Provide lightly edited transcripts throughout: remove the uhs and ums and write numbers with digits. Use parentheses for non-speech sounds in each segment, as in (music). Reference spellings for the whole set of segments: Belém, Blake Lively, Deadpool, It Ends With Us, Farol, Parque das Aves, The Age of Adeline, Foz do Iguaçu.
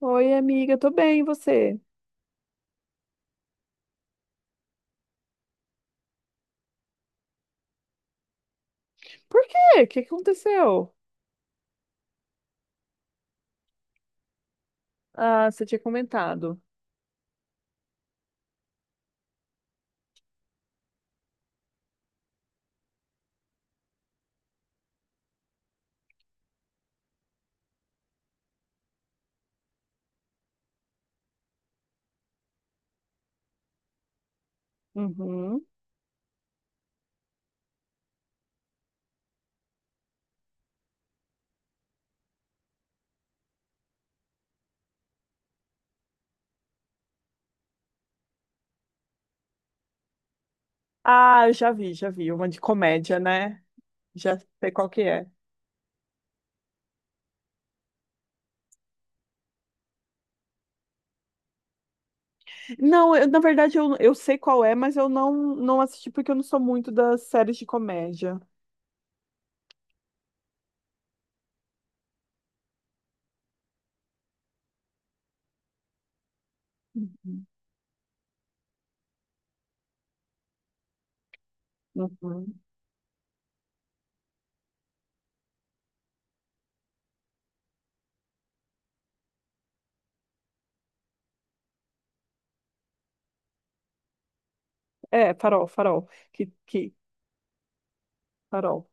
Oi, amiga, tô bem, e você? Por quê? O que que aconteceu? Ah, você tinha comentado. Uhum. Ah, eu já vi, já vi. Uma de comédia, né? Já sei qual que é. Não, na verdade eu sei qual é, mas eu não assisti porque eu não sou muito das séries de comédia. Uhum. Uhum. É, Farol, Farol. Que, Farol.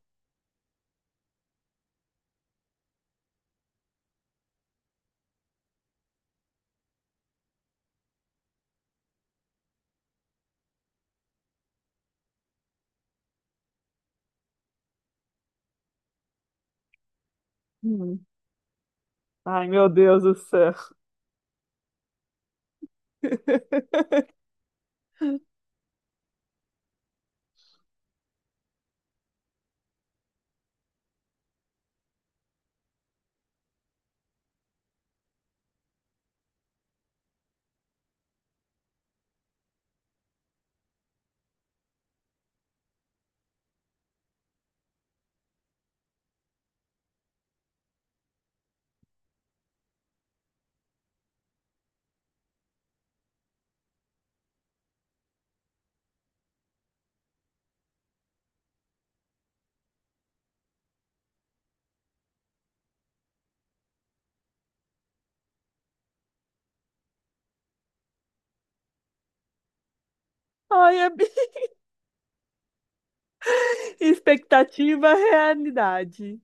Uhum. Ai, meu Deus do céu. (laughs) Ai, é... (laughs) expectativa, realidade.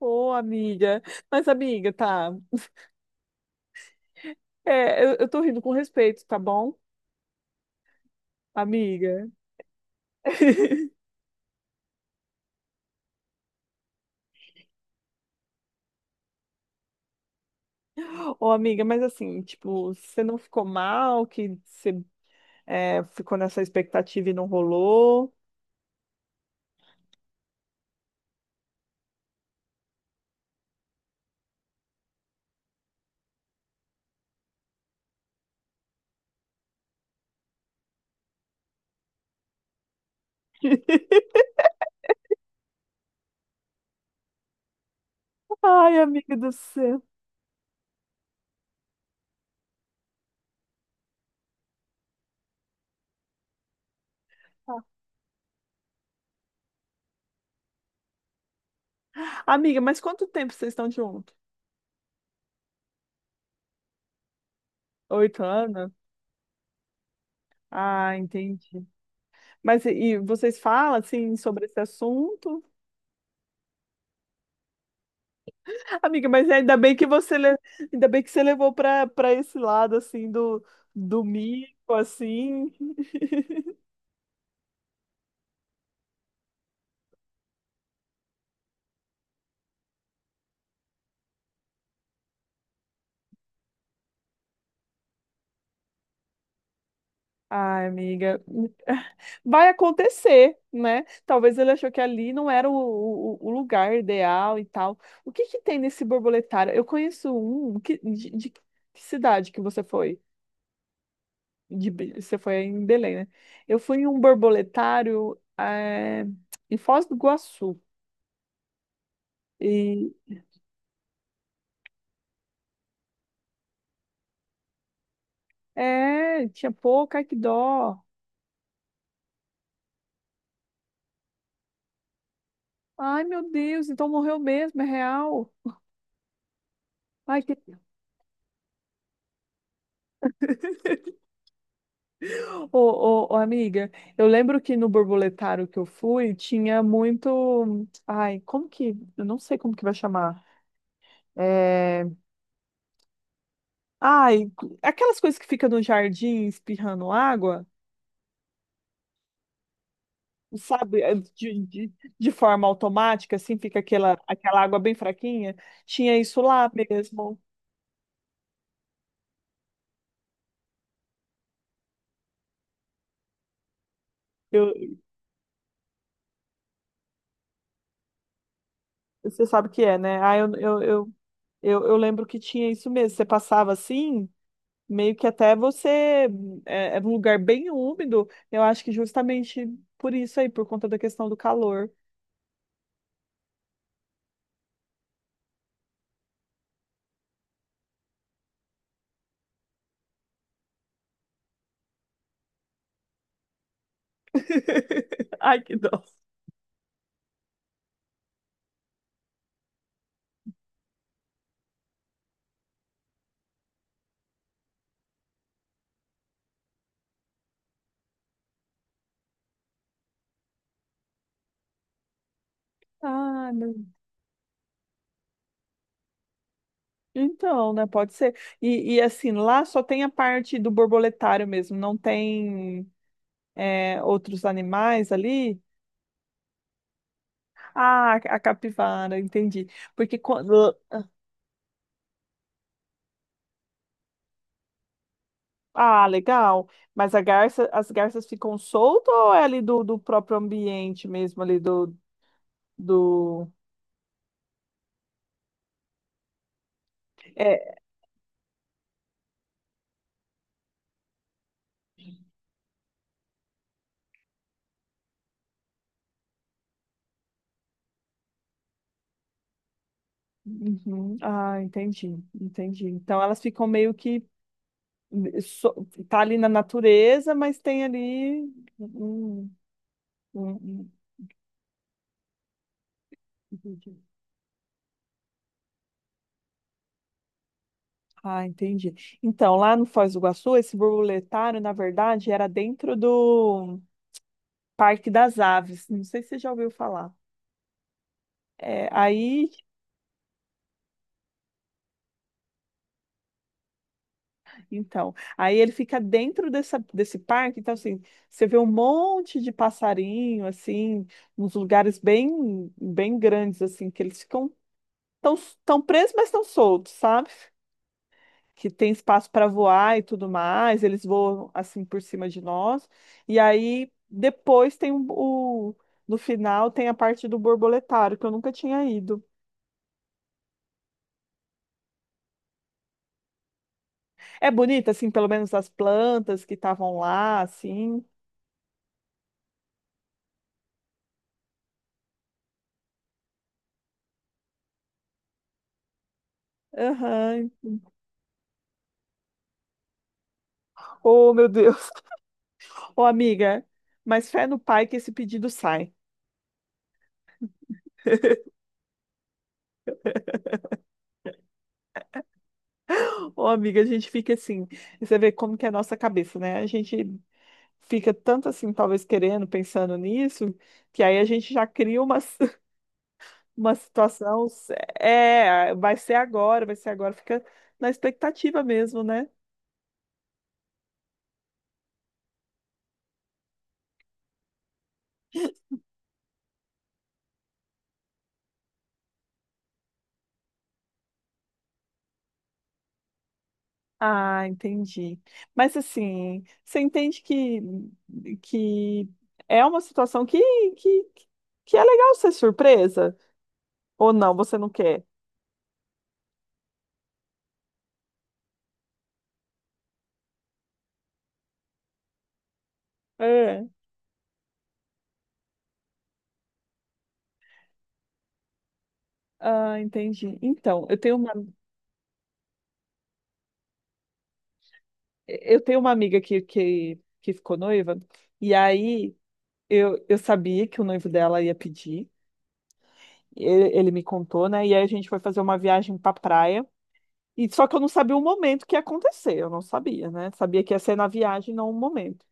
Ô, amiga. Mas, amiga, tá. É, eu tô rindo com respeito, tá bom, amiga? (laughs) Ô, amiga, mas assim, tipo, você não ficou mal que você ficou nessa expectativa e não rolou? Ai, amiga do céu. Amiga, mas quanto tempo vocês estão juntos? 8 anos? Ah, entendi. Mas e vocês falam assim sobre esse assunto? Amiga, mas ainda bem que você levou para esse lado assim do mico assim. Ai, amiga, (laughs) vai acontecer, né? Talvez ele achou que ali não era o lugar ideal e tal. O que que tem nesse borboletário? Eu conheço um, que, de que cidade que você foi? Você foi em Belém, né? Eu fui em um borboletário em Foz do Iguaçu. E, é, tinha pouco, ai que dó. Ai, meu Deus, então morreu mesmo, é real. Ai, que Ô, ô, ô, amiga, eu lembro que no borboletário que eu fui tinha muito. Ai, como que. Eu não sei como que vai chamar. É... Ai, aquelas coisas que ficam no jardim espirrando água, sabe? É, de forma automática, assim, fica aquela água bem fraquinha. Tinha isso lá mesmo. Eu, Você sabe o que é, né? Ah, eu lembro que tinha isso mesmo. Você passava assim, meio que até você é um lugar bem úmido, eu acho que justamente por isso aí, por conta da questão do calor. (laughs) Ai, que dó. Ah, meu. Então, né? Pode ser. E, assim, lá só tem a parte do borboletário mesmo, não tem outros animais ali. Ah, a capivara, entendi. Porque quando. Ah, legal. Mas a garça, as garças ficam soltas ou é ali do próprio ambiente mesmo, ali do, do... é, Uhum. Ah, entendi, entendi. Então elas ficam meio que tá ali na natureza, mas tem ali. Hum, hum, hum. Entendi. Ah, entendi. Então, lá no Foz do Iguaçu, esse borboletário, na verdade, era dentro do Parque das Aves. Não sei se você já ouviu falar. É, aí, então, aí ele fica dentro dessa, desse parque, então assim, você vê um monte de passarinho, assim, nos lugares bem, bem grandes, assim, que eles ficam estão estão presos, mas estão soltos, sabe? Que tem espaço para voar e tudo mais, eles voam assim por cima de nós. E aí depois no final tem a parte do borboletário que eu nunca tinha ido. É bonita assim, pelo menos as plantas que estavam lá, assim. Aham. Oh, meu Deus. Ô, amiga, mas fé no pai que esse pedido sai. (laughs) Ô, amiga, a gente fica assim, você vê como que é a nossa cabeça, né? A gente fica tanto assim, talvez querendo, pensando nisso, que aí a gente já cria uma, (laughs) uma situação, é, vai ser agora, fica na expectativa mesmo, né? Ah, entendi. Mas assim, você entende que é uma situação que, que é legal ser surpresa? Ou não, você não quer? É. Ah, entendi. Então, eu tenho uma amiga que ficou noiva, e aí. Eu sabia que o noivo dela ia pedir. Ele me contou, né? E aí a gente foi fazer uma viagem pra praia. E só que eu não sabia o momento que ia acontecer. Eu não sabia, né? Sabia que ia ser na viagem, não o momento.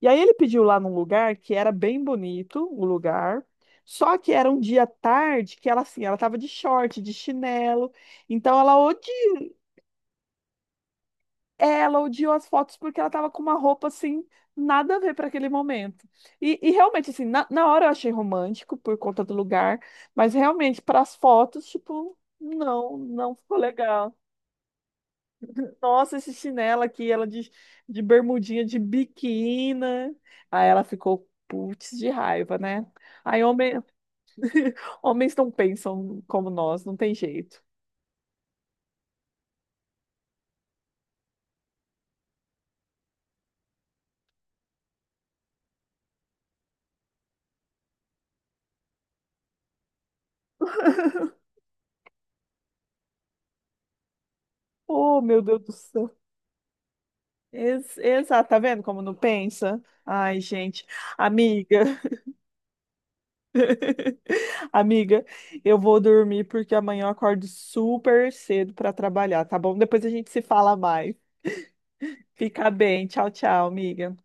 E aí ele pediu lá num lugar que era bem bonito, o lugar. Só que era um dia tarde que ela assim, ela tava de short, de chinelo. Então ela Ela odiou as fotos porque ela tava com uma roupa assim, nada a ver para aquele momento. E realmente, assim, na hora eu achei romântico por conta do lugar, mas realmente, para as fotos, tipo, não ficou legal. Nossa, esse chinelo aqui, ela de bermudinha, de biquíni. Aí ela ficou putz de raiva, né? Aí homem, (laughs) homens não pensam como nós, não tem jeito. Oh, meu Deus do céu! Exato, tá vendo como não pensa? Ai, gente, amiga, (laughs) amiga, eu vou dormir porque amanhã eu acordo super cedo para trabalhar, tá bom? Depois a gente se fala mais. Fica bem, tchau, tchau, amiga.